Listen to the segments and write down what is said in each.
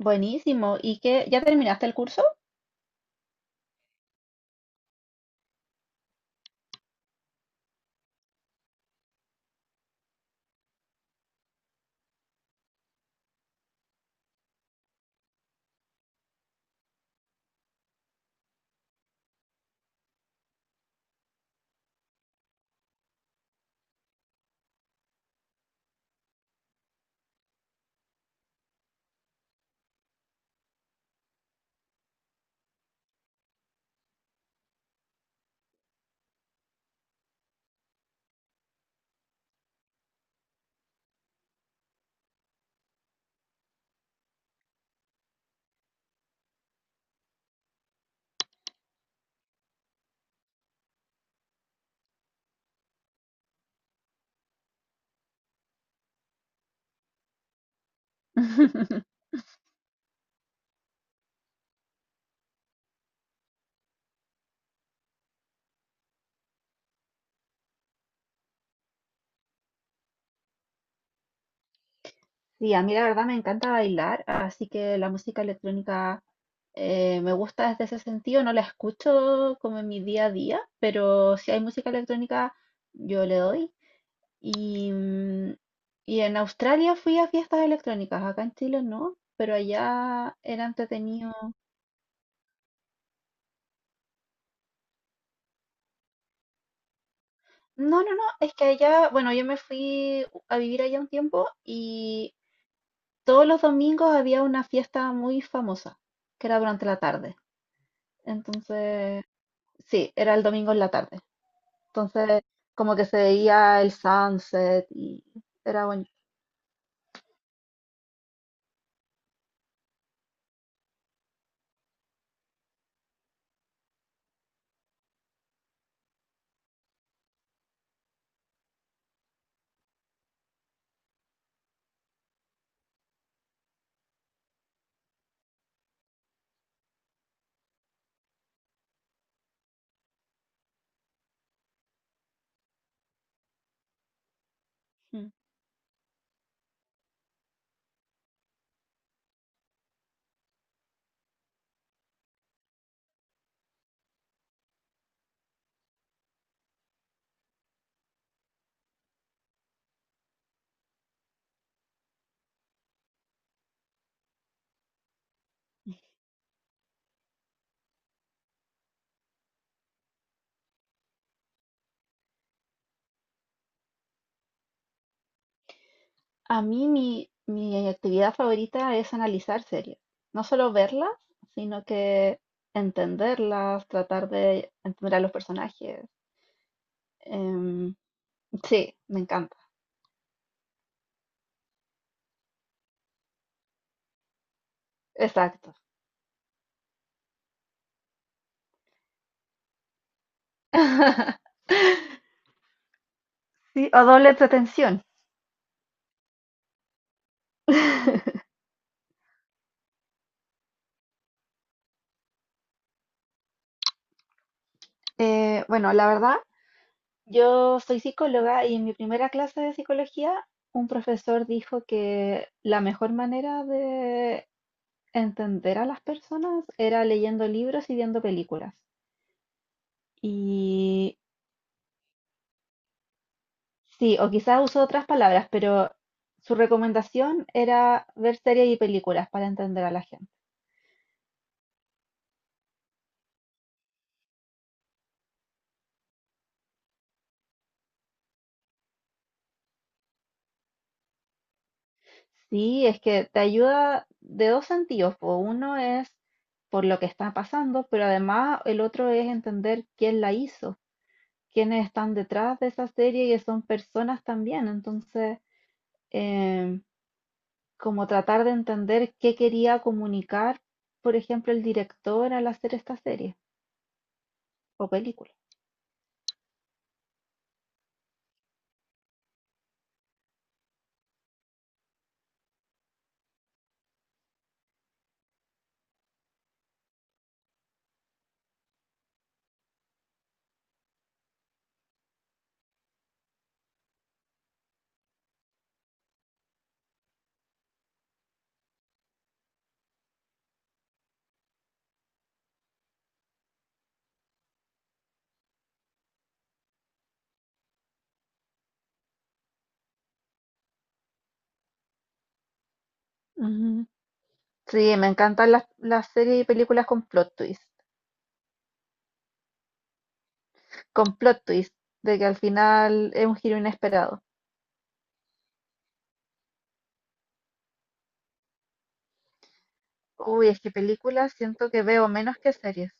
Buenísimo. ¿Y qué? ¿Ya terminaste el curso? Sí, a mí la verdad me encanta bailar, así que la música electrónica me gusta desde ese sentido. No la escucho como en mi día a día, pero si hay música electrónica, yo le doy. Y, y en Australia fui a fiestas electrónicas, acá en Chile no, pero allá era entretenido. No, no, no, es que allá, bueno, yo me fui a vivir allá un tiempo y todos los domingos había una fiesta muy famosa, que era durante la tarde. Entonces, sí, era el domingo en la tarde. Entonces, como que se veía el sunset y era bonito. Mm. A mí mi actividad favorita es analizar series. No solo verlas, sino que entenderlas, tratar de entender a los personajes. Em, sí, me encanta. Exacto. Sí, o doble entretención. Bueno, la verdad, yo soy psicóloga y en mi primera clase de psicología un profesor dijo que la mejor manera de entender a las personas era leyendo libros y viendo películas. Y sí, o quizás usó otras palabras, pero su recomendación era ver series y películas para entender a la gente. Sí, es que te ayuda de dos sentidos. Po. Uno es por lo que está pasando, pero además el otro es entender quién la hizo. Quienes están detrás de esa serie que son personas también. Entonces, eh, como tratar de entender qué quería comunicar, por ejemplo, el director al hacer esta serie o película. Ujú. Sí, me encantan las series y películas con plot twist, de que al final es un giro inesperado. Uy, es que películas siento que veo menos que series.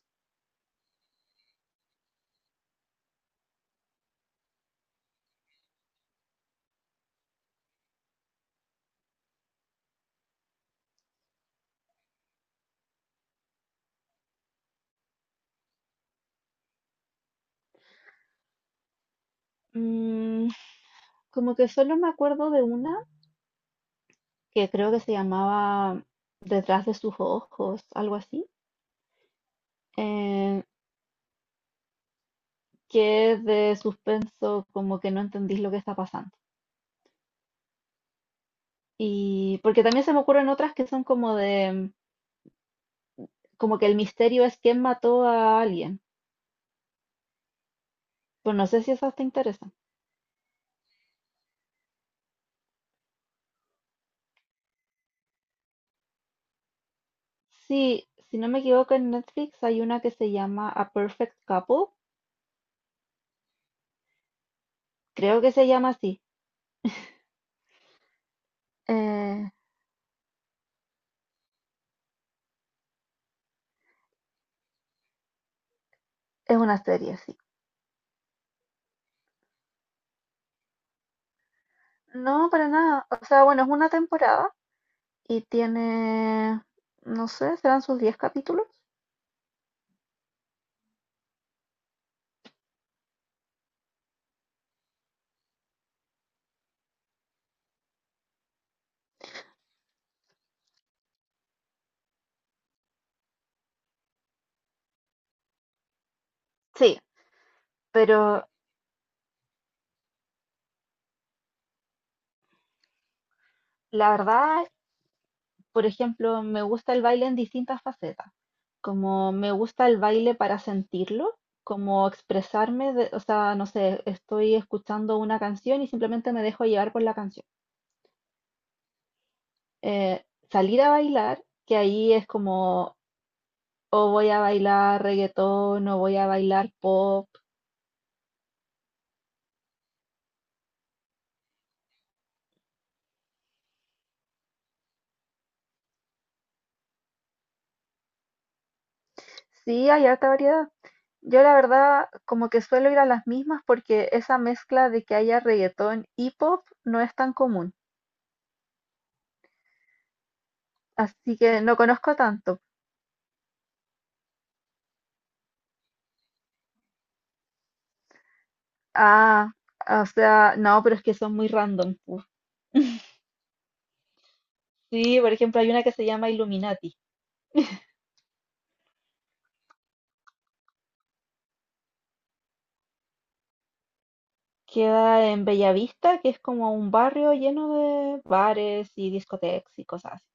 Mm, como que solo me acuerdo de una que creo que se llamaba Detrás de sus ojos, algo así. Eh, que es de suspenso, como que no entendís lo que está pasando. Y porque también se me ocurren otras que son como de, como que el misterio es quién mató a alguien. Pues no sé si esas te interesan. Sí, si no me equivoco, en Netflix hay una que se llama A Perfect Couple. Creo que se llama así. Eh, es una serie, sí. No, para nada. O sea, bueno, es una temporada y tiene, no sé, serán sus 10 capítulos. Sí, pero la verdad, por ejemplo, me gusta el baile en distintas facetas. Como me gusta el baile para sentirlo, como expresarme, de- o sea, no sé, estoy escuchando una canción y simplemente me dejo llevar por la canción. Eh, salir a bailar, que ahí es como, o voy a bailar reggaetón, o voy a bailar pop. Sí, hay harta variedad. Yo la verdad como que suelo ir a las mismas porque esa mezcla de que haya reggaetón y pop no es tan común, así que no conozco tanto. Ah, o sea, no, pero es que son muy random. Pu. Sí, por ejemplo, hay una que se llama Illuminati. Queda en Bellavista, que es como un barrio lleno de bares y discotecas y cosas así.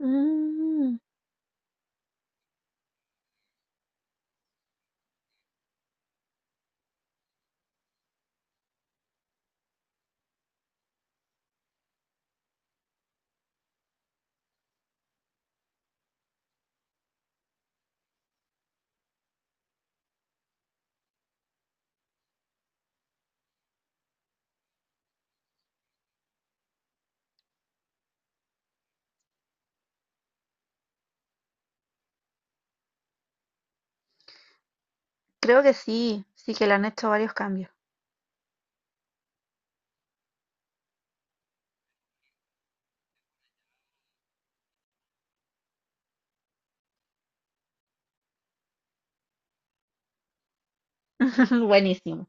Mm, creo que sí, sí que le han hecho varios cambios. Buenísimo.